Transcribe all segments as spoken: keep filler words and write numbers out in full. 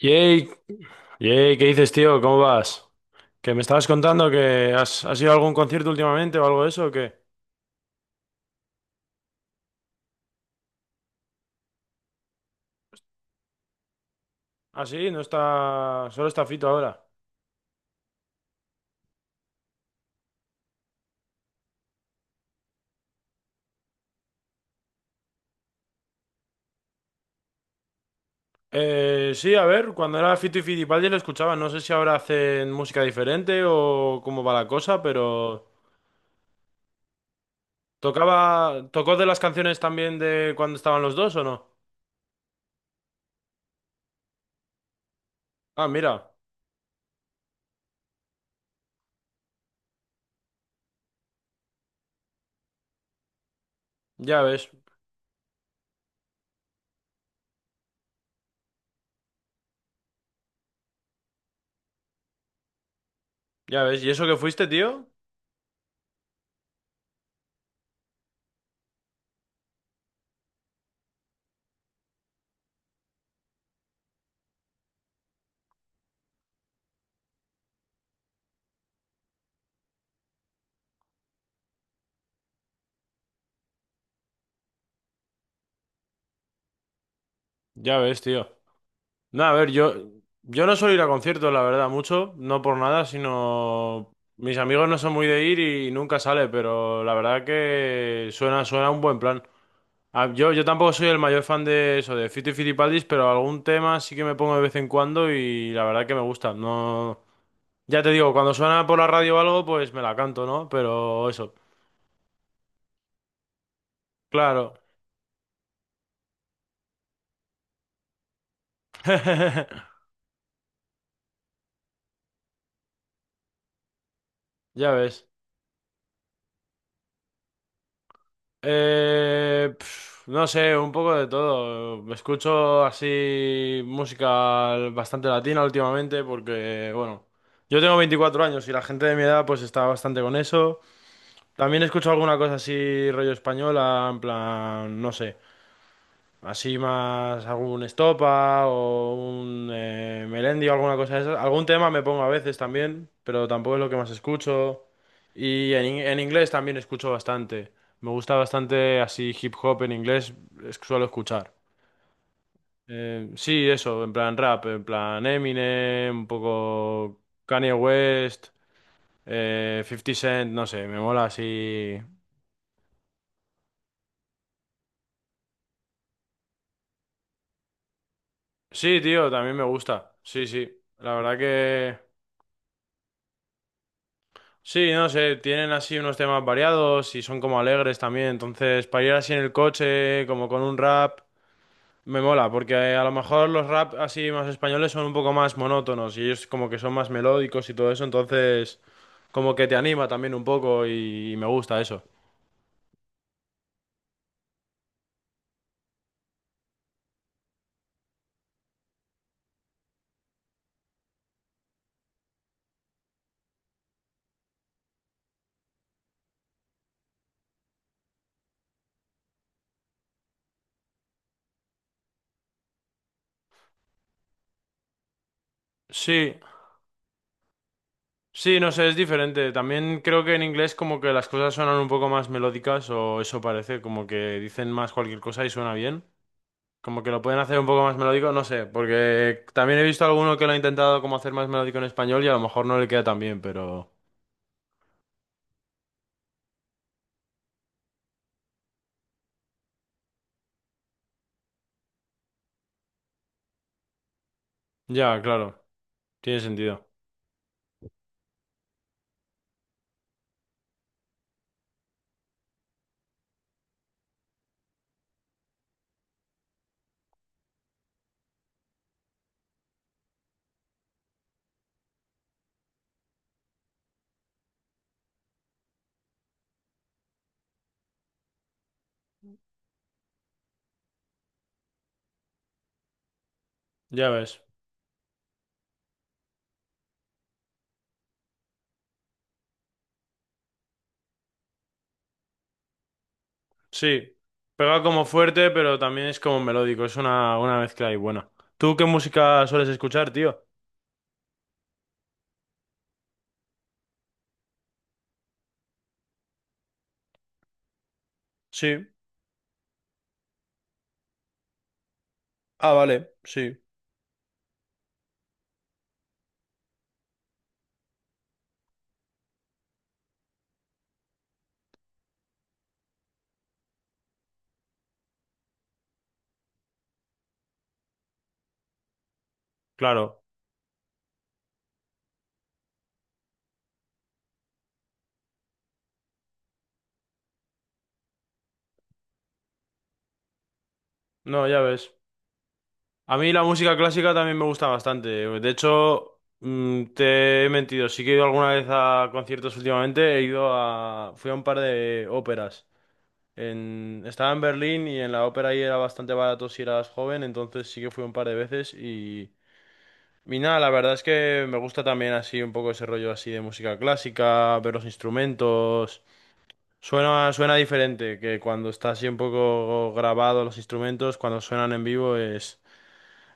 Yey, yey, ¿qué dices, tío? ¿Cómo vas? Que me estabas contando que has, has ido a algún concierto últimamente o algo de eso, ¿o qué? Ah, sí, no está. Solo está Fito ahora. Eh, sí, a ver, cuando era Fito y Fitipaldi lo escuchaba. No sé si ahora hacen música diferente o cómo va la cosa, pero. ¿Tocaba. ¿Tocó de las canciones también de cuando estaban los dos o no? Ah, mira, ya ves, ya ves. ¿Y eso que fuiste, tío? Ya ves, tío. No, a ver, yo, yo no suelo ir a conciertos, la verdad, mucho, no por nada, sino mis amigos no son muy de ir y nunca sale, pero la verdad que suena, suena un buen plan. Ah, Yo, yo tampoco soy el mayor fan de eso, de Fito y Fitipaldis, pero algún tema sí que me pongo de vez en cuando y la verdad que me gusta. No, ya te digo, cuando suena por la radio o algo, pues me la canto, ¿no? Pero eso, claro. Ya ves. Eh, pf, no sé, un poco de todo. Escucho así música bastante latina últimamente porque, bueno, yo tengo veinticuatro años y la gente de mi edad pues está bastante con eso. También escucho alguna cosa así rollo española, en plan, no sé. Así más algún Estopa o un eh, Melendi o alguna cosa de esas. Algún tema me pongo a veces también, pero tampoco es lo que más escucho. Y en, in- en inglés también escucho bastante. Me gusta bastante así hip hop en inglés, es- suelo escuchar. Eh, sí, eso, en plan rap, en plan Eminem, un poco Kanye West, eh, cincuenta Cent, no sé, me mola así. Sí, tío, también me gusta. Sí, sí. La verdad que... Sí, no sé, tienen así unos temas variados y son como alegres también, entonces para ir así en el coche, como con un rap, me mola, porque eh, a lo mejor los rap así más españoles son un poco más monótonos y ellos como que son más melódicos y todo eso, entonces como que te anima también un poco y, y me gusta eso. Sí, sí, no sé, es diferente. También creo que en inglés como que las cosas suenan un poco más melódicas o eso parece, como que dicen más cualquier cosa y suena bien. Como que lo pueden hacer un poco más melódico, no sé, porque también he visto alguno que lo ha intentado como hacer más melódico en español y a lo mejor no le queda tan bien, pero... Ya, claro, tiene sentido. Ya ves. Sí, pega como fuerte, pero también es como melódico, es una, una mezcla ahí buena. ¿Tú qué música sueles escuchar, tío? Sí. Ah, vale, sí. Claro. No, ya ves. A mí la música clásica también me gusta bastante. De hecho, mm, te he mentido. Sí que he ido alguna vez a conciertos últimamente. He ido a... Fui a un par de óperas. En... Estaba en Berlín y en la ópera ahí era bastante barato si eras joven. Entonces sí que fui un par de veces y... Y nada, la verdad es que me gusta también así un poco ese rollo así de música clásica, ver los instrumentos. Suena, suena diferente que cuando está así un poco grabado los instrumentos, cuando suenan en vivo es...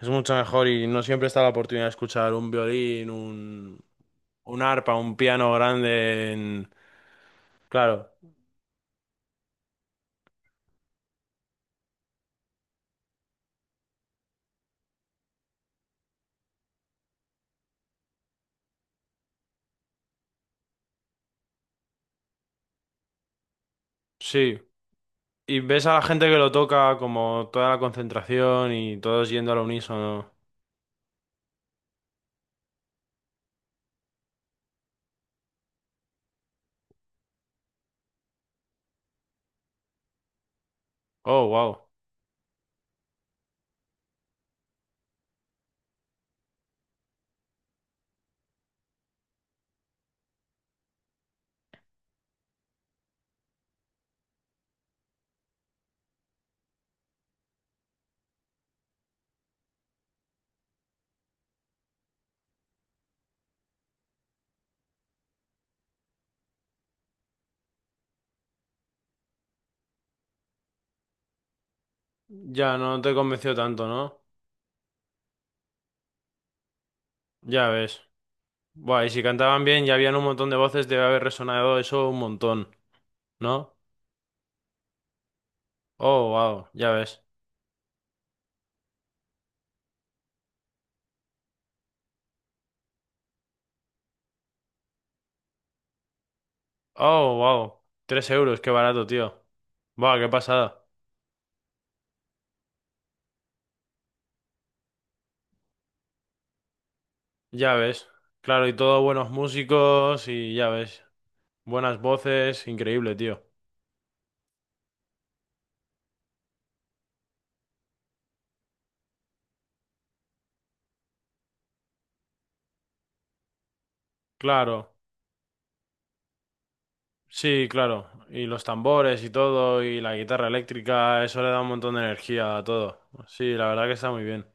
Es mucho mejor y no siempre está la oportunidad de escuchar un violín, un, un arpa, un piano grande en... Claro, sí. Y ves a la gente que lo toca como toda la concentración y todos yendo al unísono. Oh, wow. Ya no te convenció tanto, ¿no? Ya ves. Buah, y si cantaban bien y habían un montón de voces, debe haber resonado eso un montón, ¿no? Oh, wow, ya ves. Oh, wow. Tres euros, qué barato, tío. Buah, qué pasada. Ya ves. Claro, y todos buenos músicos y ya ves. Buenas voces, increíble, tío. Claro, sí, claro. Y los tambores y todo, y la guitarra eléctrica, eso le da un montón de energía a todo. Sí, la verdad que está muy bien.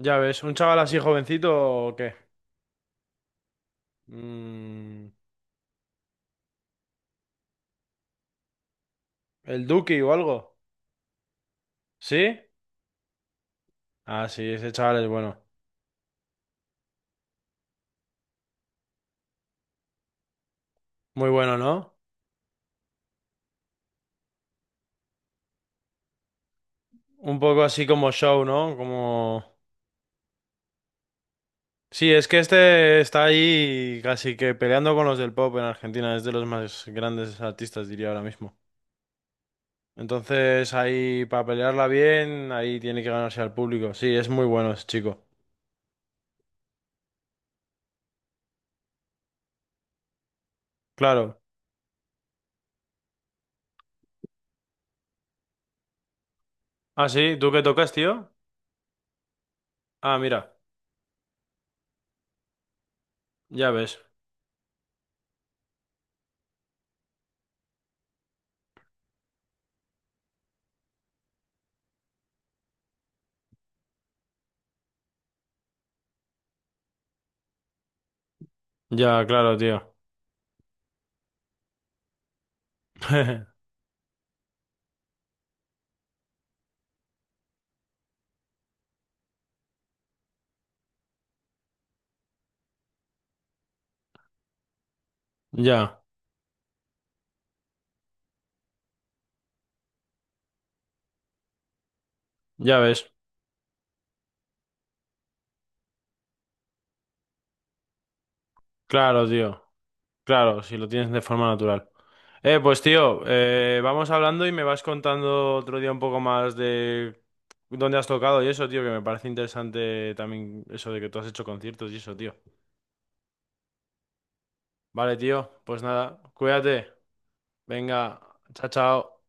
Ya ves, ¿un chaval así jovencito o qué? Mm, ¿el Duki o algo? ¿Sí? Ah, sí, ese chaval es bueno. Muy bueno, ¿no? Un poco así como show, ¿no? Como... Sí, es que este está ahí casi que peleando con los del pop en Argentina, es de los más grandes artistas, diría ahora mismo. Entonces, ahí para pelearla bien, ahí tiene que ganarse al público. Sí, es muy bueno ese chico. Claro. Ah, sí, ¿tú qué tocas, tío? Ah, mira, ya ves. Ya, claro, tío. Ya, ya ves. Claro, tío. Claro, si lo tienes de forma natural. Eh, pues tío, eh, vamos hablando y me vas contando otro día un poco más de dónde has tocado y eso, tío, que me parece interesante también eso de que tú has hecho conciertos y eso, tío. Vale, tío, pues nada, cuídate. Venga, chao, chao.